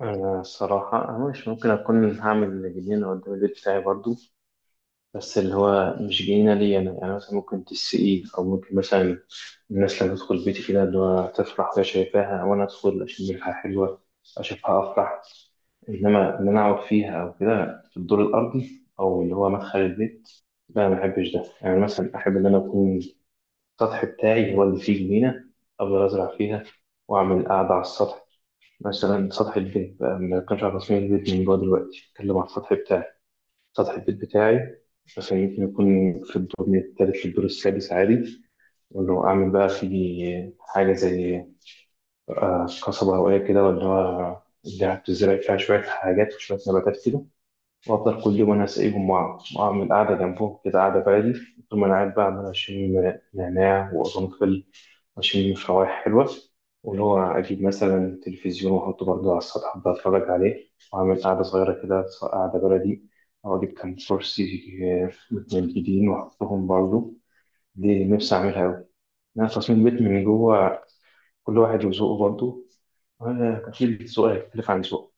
أنا الصراحة مش ممكن أكون هعمل جنينة قدام البيت بتاعي برضو. بس اللي هو مش جنينة ليا أنا، يعني مثلا ممكن تسقيه أو ممكن مثلا الناس لما تدخل بيتي كده اللي هو تفرح وهي شايفاها، وأنا أدخل أشم ريحة حلوة أشوفها أفرح. إنما إن أنا أقعد فيها أو كده في الدور الأرضي أو اللي هو مدخل البيت، لا ما بحبش ده. يعني مثلا أحب إن أنا أكون السطح بتاعي هو اللي فيه جنينة، أفضل أزرع فيها وأعمل قعدة على السطح. مثلا سطح البيت بقى، ما بتكلمش على تصميم البيت من جوه دلوقتي، بتكلم على السطح بتاعي. سطح البيت بتاعي مثلا يمكن يكون في الدور من التالت للدور السادس عادي، وإنه أعمل بقى فيه حاجة زي قصبة هوائية كده ولا هو اللي بتزرع فيها شوية حاجات وشوية نباتات كده. وأفضل كل يوم أنا أسقيهم وأعمل قعدة جنبهم كده، قعدة بعيدة. طول ما أنا قاعد بقى عمال أشم نعناع وقرنفل وأشم في روائح حلوة، واللي هو أجيب مثلا تلفزيون وأحطه برضه على السطح، أبدأ أتفرج عليه وأعمل قعدة صغيرة كده، سواء قعدة بلدي أو أجيب كام كرسي متنجدين وأحطهم برضه. دي نفسي أعملها أوي. أنا تصميم البيت من جوه، كل واحد وذوقه برضه، وأنا أكيد ذوقي هيختلف عن ذوقه.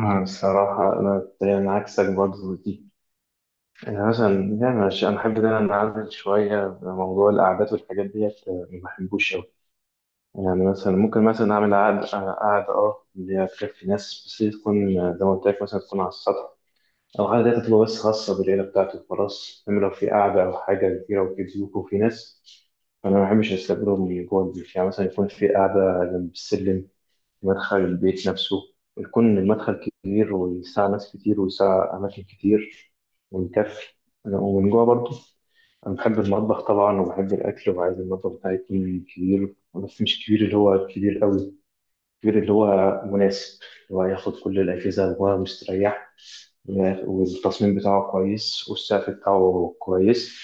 أنا الصراحة تقريبا عكسك برضه دي. أنا مثلا، يعني أنا أحب إن أنا أنعزل شوية في موضوع القعدات والحاجات ديت، ما بحبوش أوي. يعني مثلا ممكن مثلا أعمل قعدة أه، اللي هي تكفي ناس، بس هي تكون زي ما قلت لك مثلا تكون على السطح، أو القعدة دي تبقى بس خاصة بالعيلة بتاعتي وخلاص. إنما لو في قعدة أو حاجة كبيرة وفي ضيوف وفي ناس، فأنا ما بحبش أستقبلهم من جوه البيت. يعني مثلا يكون في قعدة جنب السلم في مدخل البيت نفسه، يكون المدخل كبير ويسع ناس كتير ويسع أماكن كتير ويكفي. ومن جوه برضه أنا بحب المطبخ طبعا وبحب الأكل، وعايز المطبخ بتاعي يكون كبير، بس مش كبير اللي هو كبير قوي، كبير اللي هو مناسب، اللي هو ياخد كل الأجهزة وهو مستريح، والتصميم بتاعه كويس والسقف بتاعه كويس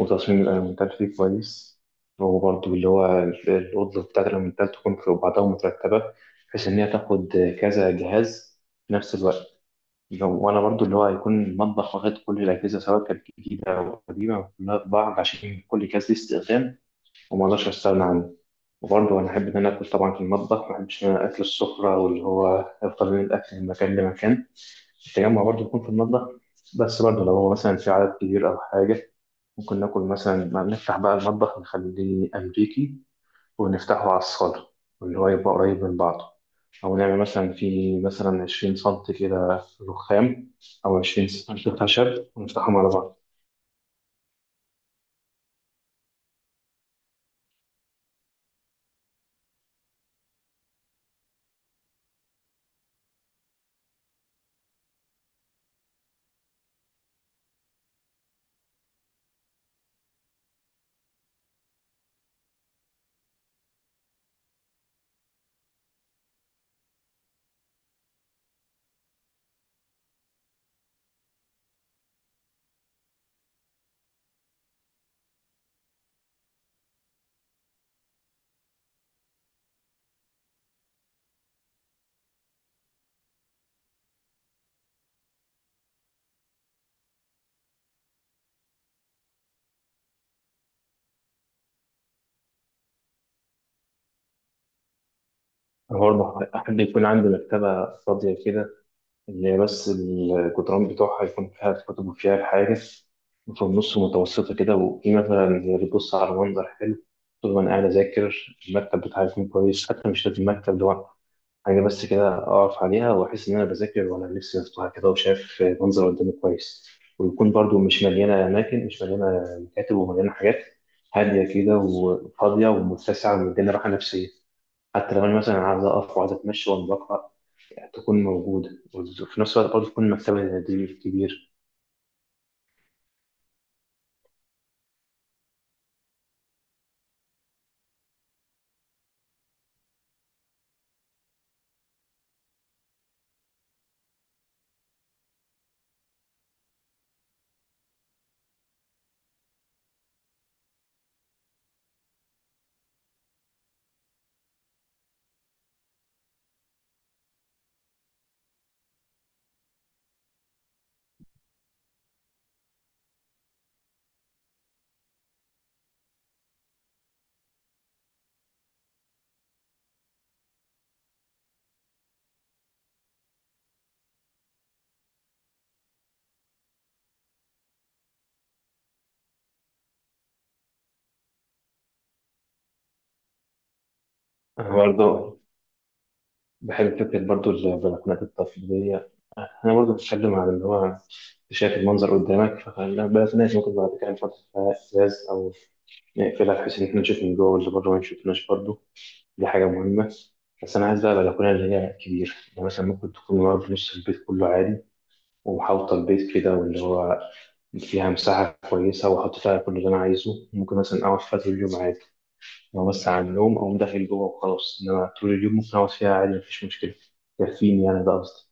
وتصميم الألمنتال فيه كويس. وبرضه اللي هو الأوضة بتاعت الألمنتال تكون في بعضها مترتبة، بحيث إن هي تاخد كذا جهاز في نفس الوقت. لو انا برضو اللي هو هيكون المطبخ واخد كل الاجهزه سواء كانت جديده او قديمه كلها في بعض، عشان كل جهاز ليه استخدام وما اقدرش استغنى عنه. وبرضه انا احب ان انا اكل طبعا في المطبخ، ما احبش ان انا اكل السفره، واللي هو افضل من الاكل من مكان لمكان. التجمع برضه يكون في المطبخ، بس برضه لو هو مثلا في عدد كبير او حاجه، ممكن ناكل مثلا، ما نفتح بقى المطبخ نخليه امريكي ونفتحه على الصالة، واللي هو يبقى قريب من بعضه. أو نعمل مثلا مثلا 20 سنتي كده رخام أو 20 سنتي خشب ونفتحهم على بعض. أنا برضه أحب يكون عندي مكتبة فاضية كده، اللي هي بس الجدران بتوعها يكون فيها الكتب وفيها الحاجز، وفي النص متوسطة كده، وفي مثلا اللي بتبص على منظر حلو طول ما أنا قاعد أذاكر. المكتب بتاعي يكون كويس، حتى مش لازم مكتب لوحده، حاجة بس كده أقف عليها وأحس إن أنا بذاكر وأنا نفسي مفتوحة كده وشايف منظر قدامي كويس. ويكون برضو مش مليانة أماكن، مش مليانة مكاتب ومليانة حاجات، هادية كده وفاضية ومتسعة ومديني راحة نفسية، حتى لو أنا مثلا عايز أقف وعايز أتمشى وأنا بقرأ تكون موجودة. وفي نفس الوقت برضو تكون مكتبة دي كبير. أنا برضو بحب فكرة برضو البلكونات التقليدية. أنا برضو بتكلم عن اللي هو شايف المنظر قدامك، فخلي بالك، الناس ممكن بعد كده نحط فيها إزاز أو نقفلها بحيث إن إحنا نشوف من جوه واللي بره ما يشوفناش برضه. دي حاجة مهمة. بس أنا عايز بقى بلكونة اللي هي كبيرة، يعني مثلا ممكن تكون ورا في نص البيت كله عادي، ومحاوطة البيت كده، واللي هو فيها مساحة كويسة وأحط فيها كل اللي أنا عايزه. ممكن مثلا أقعد فيها طول اليوم عادي، لو بس على النوم أقوم داخل جوه وخلاص، إنما طول اليوم ممكن أقعد فيها عادي، مفيش مشكلة، يكفيني. يعني ده قصدي.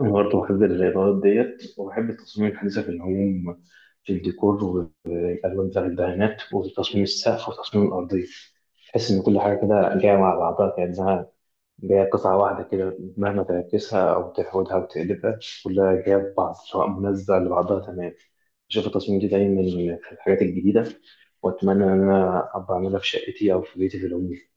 أنا برضه بحب الإضاءات ديت، وبحب التصميم الحديثة في العموم، في الديكور والألوان بتاع الدهانات وتصميم السقف وتصميم الأرضية. تحس إن كل حاجة كده جاية مع بعضها، كأنها جاية قطعة واحدة كده، مهما تعكسها أو تحودها أو تقلبها كلها جاية في بعض، سواء منسقة لبعضها تمام. بشوف التصميم دي دايما في الحاجات الجديدة، وأتمنى إن أنا أبقى أعملها في شقتي أو في بيتي في العموم.